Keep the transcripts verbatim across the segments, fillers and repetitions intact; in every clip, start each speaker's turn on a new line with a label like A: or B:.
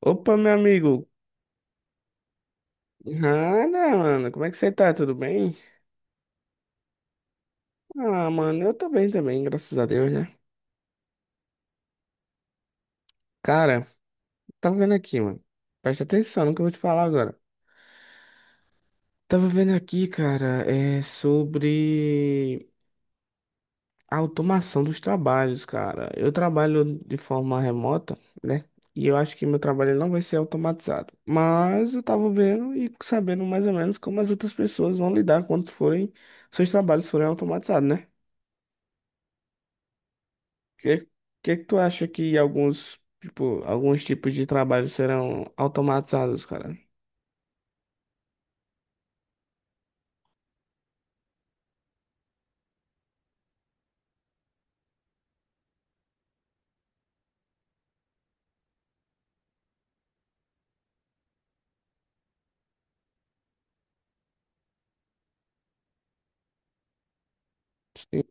A: Opa, meu amigo. Nada, mano. Como é que você tá? Tudo bem? Ah, mano, eu tô bem também, graças a Deus, né? Cara, tava vendo aqui, mano. Presta atenção no que eu vou te falar agora. Tava vendo aqui, cara, é sobre a automação dos trabalhos, cara. Eu trabalho de forma remota, né? E eu acho que meu trabalho ele não vai ser automatizado. Mas eu tava vendo e sabendo mais ou menos como as outras pessoas vão lidar quando forem, seus trabalhos forem automatizados, né? que, que que tu acha que alguns, tipo, alguns tipos de trabalho serão automatizados, cara? Sim.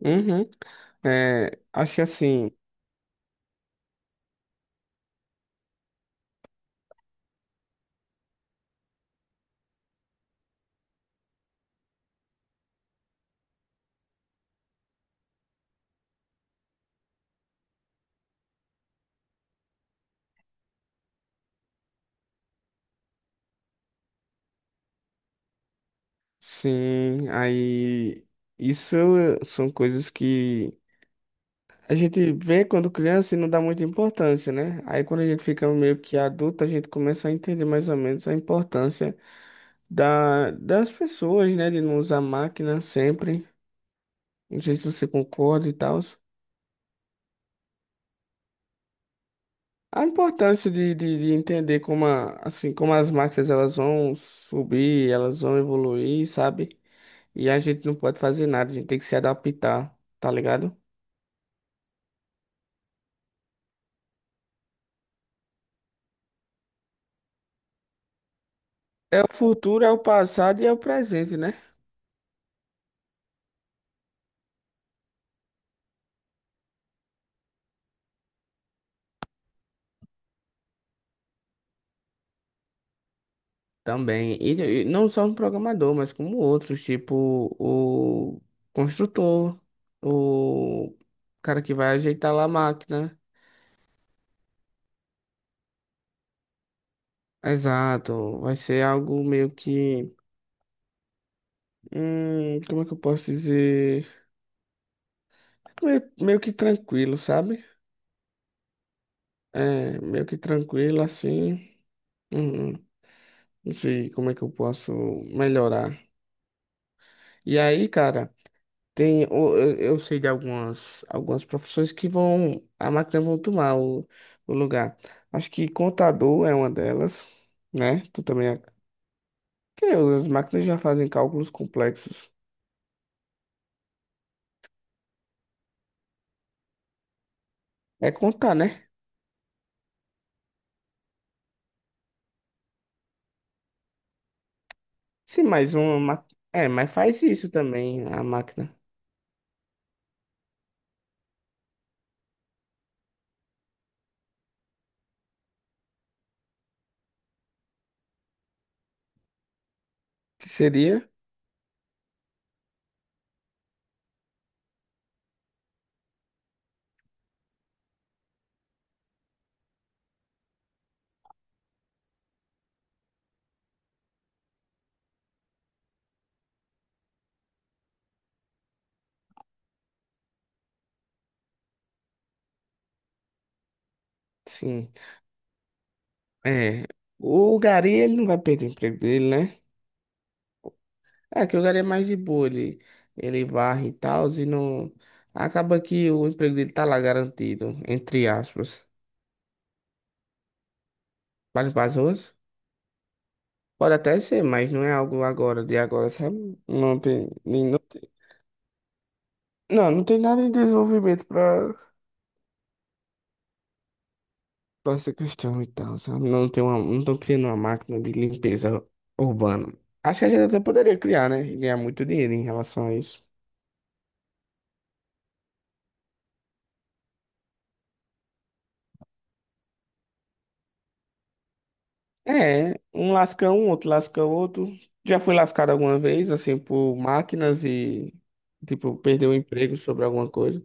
A: Uhum. É, acho que assim, sim, aí isso são coisas que a gente vê quando criança e não dá muita importância, né? Aí quando a gente fica meio que adulto, a gente começa a entender mais ou menos a importância da, das pessoas, né? De não usar máquina sempre. Não sei se você concorda e tal. A importância de, de, de entender como, a- assim, como as máquinas elas vão subir, elas vão evoluir, sabe? E a gente não pode fazer nada, a gente tem que se adaptar, tá ligado? É o futuro, é o passado e é o presente, né? Também. E, e não só um programador, mas como outros, tipo o construtor, o cara que vai ajeitar lá a máquina. Exato. Vai ser algo meio que. Hum, como é que eu posso dizer? meio, meio que tranquilo, sabe? É, meio que tranquilo assim. Hum, não sei como é que eu posso melhorar. E aí, cara, tem, o- eu, eu sei de algumas, algumas profissões que vão, a máquina vão tomar o, o lugar. Acho que contador é uma delas, né? Tu também. é- Que as máquinas já fazem cálculos complexos. É contar, né? Sim, mais uma máquina. É, mas faz isso também a máquina. Que seria? Sim. É, o Gari, ele não vai perder o emprego dele, né? É, que o Gari é mais de boa, ele, ele varre e tal, e não... Acaba que o emprego dele tá lá garantido, entre aspas. Para limpar as ruas? Pode até ser, mas não é algo agora, de agora, sabe? Não tem, nem- não tem, não, não tem nada em desenvolvimento pra, pra essa questão e tal, sabe? Não tem uma, não estão criando uma máquina de limpeza urbana. Acho que a gente até poderia criar, né? E ganhar muito dinheiro em relação a isso. É, um lasca um, outro lasca outro. Já fui lascado alguma vez, assim, por máquinas e, tipo, perdeu o emprego sobre alguma coisa.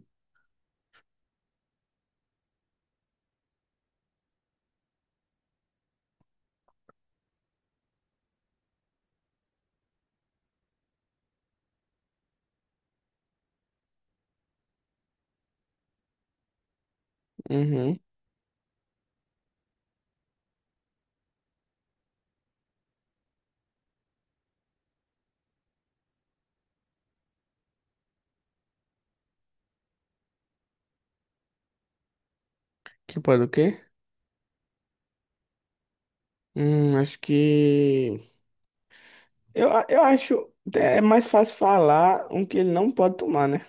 A: Uhum. Que pode o quê? Hum, acho que. Eu, a- eu acho. É mais fácil falar um que ele não pode tomar, né?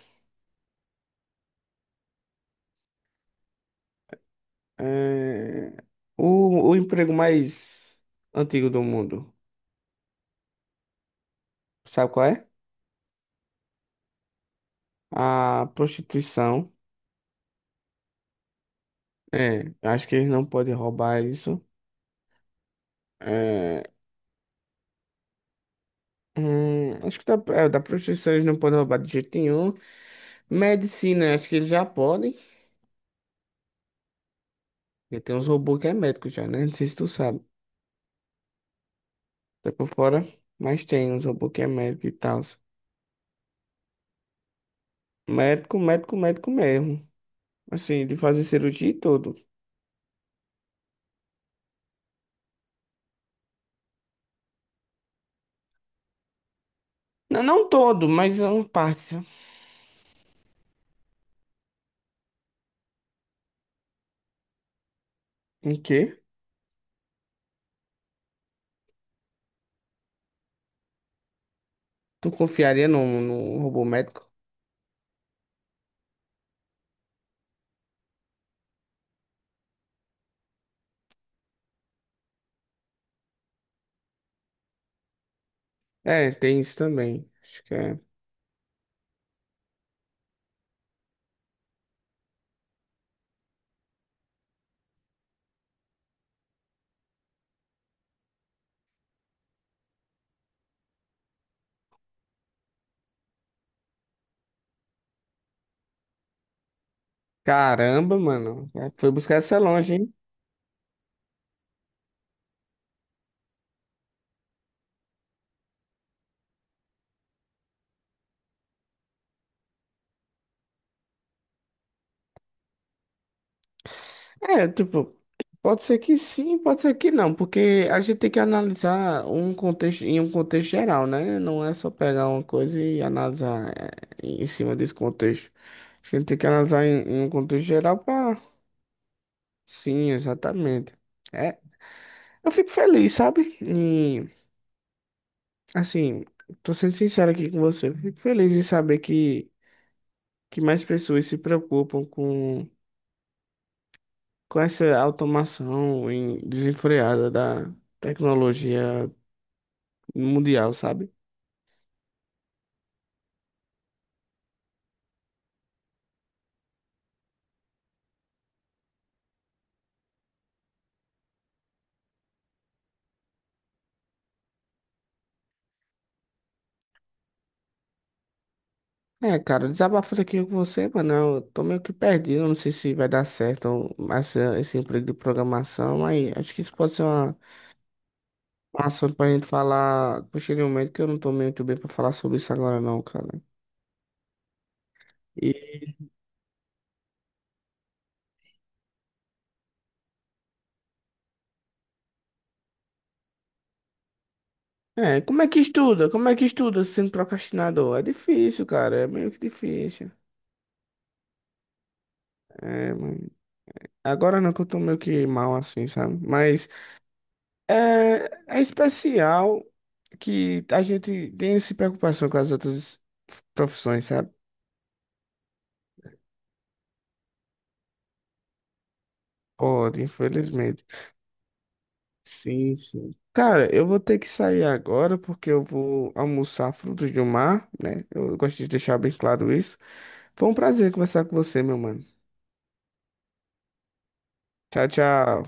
A: É, O, o emprego mais antigo do mundo. Sabe qual é? A prostituição. É, acho que eles não podem roubar isso. É, Hum, acho que da, é, da prostituição eles não podem roubar de jeito nenhum. Medicina, acho que eles já podem. Porque tem uns robôs que é médico já, né? Não sei se tu sabe. Tá por fora, mas tem uns robôs que é médico e tal. Médico, médico, médico mesmo. Assim, de fazer cirurgia e tudo. Não, não todo, mas é uma parte, sabe? Em quê? Tu confiaria num, num robô médico? É, tem isso também. Acho que é. Caramba, mano. É, foi buscar essa longe, hein? É, tipo, pode ser que sim, pode ser que não, porque a gente tem que analisar um contexto em um contexto geral, né? Não é só pegar uma coisa e analisar eh, em cima desse contexto. A gente tem que analisar em, em um contexto geral para. Sim, exatamente. É, eu fico feliz, sabe? E, assim, tô sendo sincero aqui com você. Eu fico feliz em saber que, que mais pessoas se preocupam com, com essa automação em- desenfreada da tecnologia no Mundial, sabe? É, cara, desabafo aqui com você, mano. Eu tô meio que perdido, não sei se vai dar certo ou- essa, esse emprego de programação, mas acho que isso pode ser uma, um assunto pra gente falar posteriormente, que eu não tô muito bem pra falar sobre isso agora não, cara. E, é, como é que estuda? Como é que estuda sendo procrastinador? É difícil, cara, é meio que difícil. É, mano. Agora não que eu tô meio que mal assim, sabe? Mas é, é especial que a gente tem essa preocupação com as outras profissões, sabe? Pode, infelizmente. Sim, sim. Cara, eu vou ter que sair agora porque eu vou almoçar frutos do mar, né? Eu gosto de deixar bem claro isso. Foi um prazer conversar com você, meu mano. Tchau, tchau.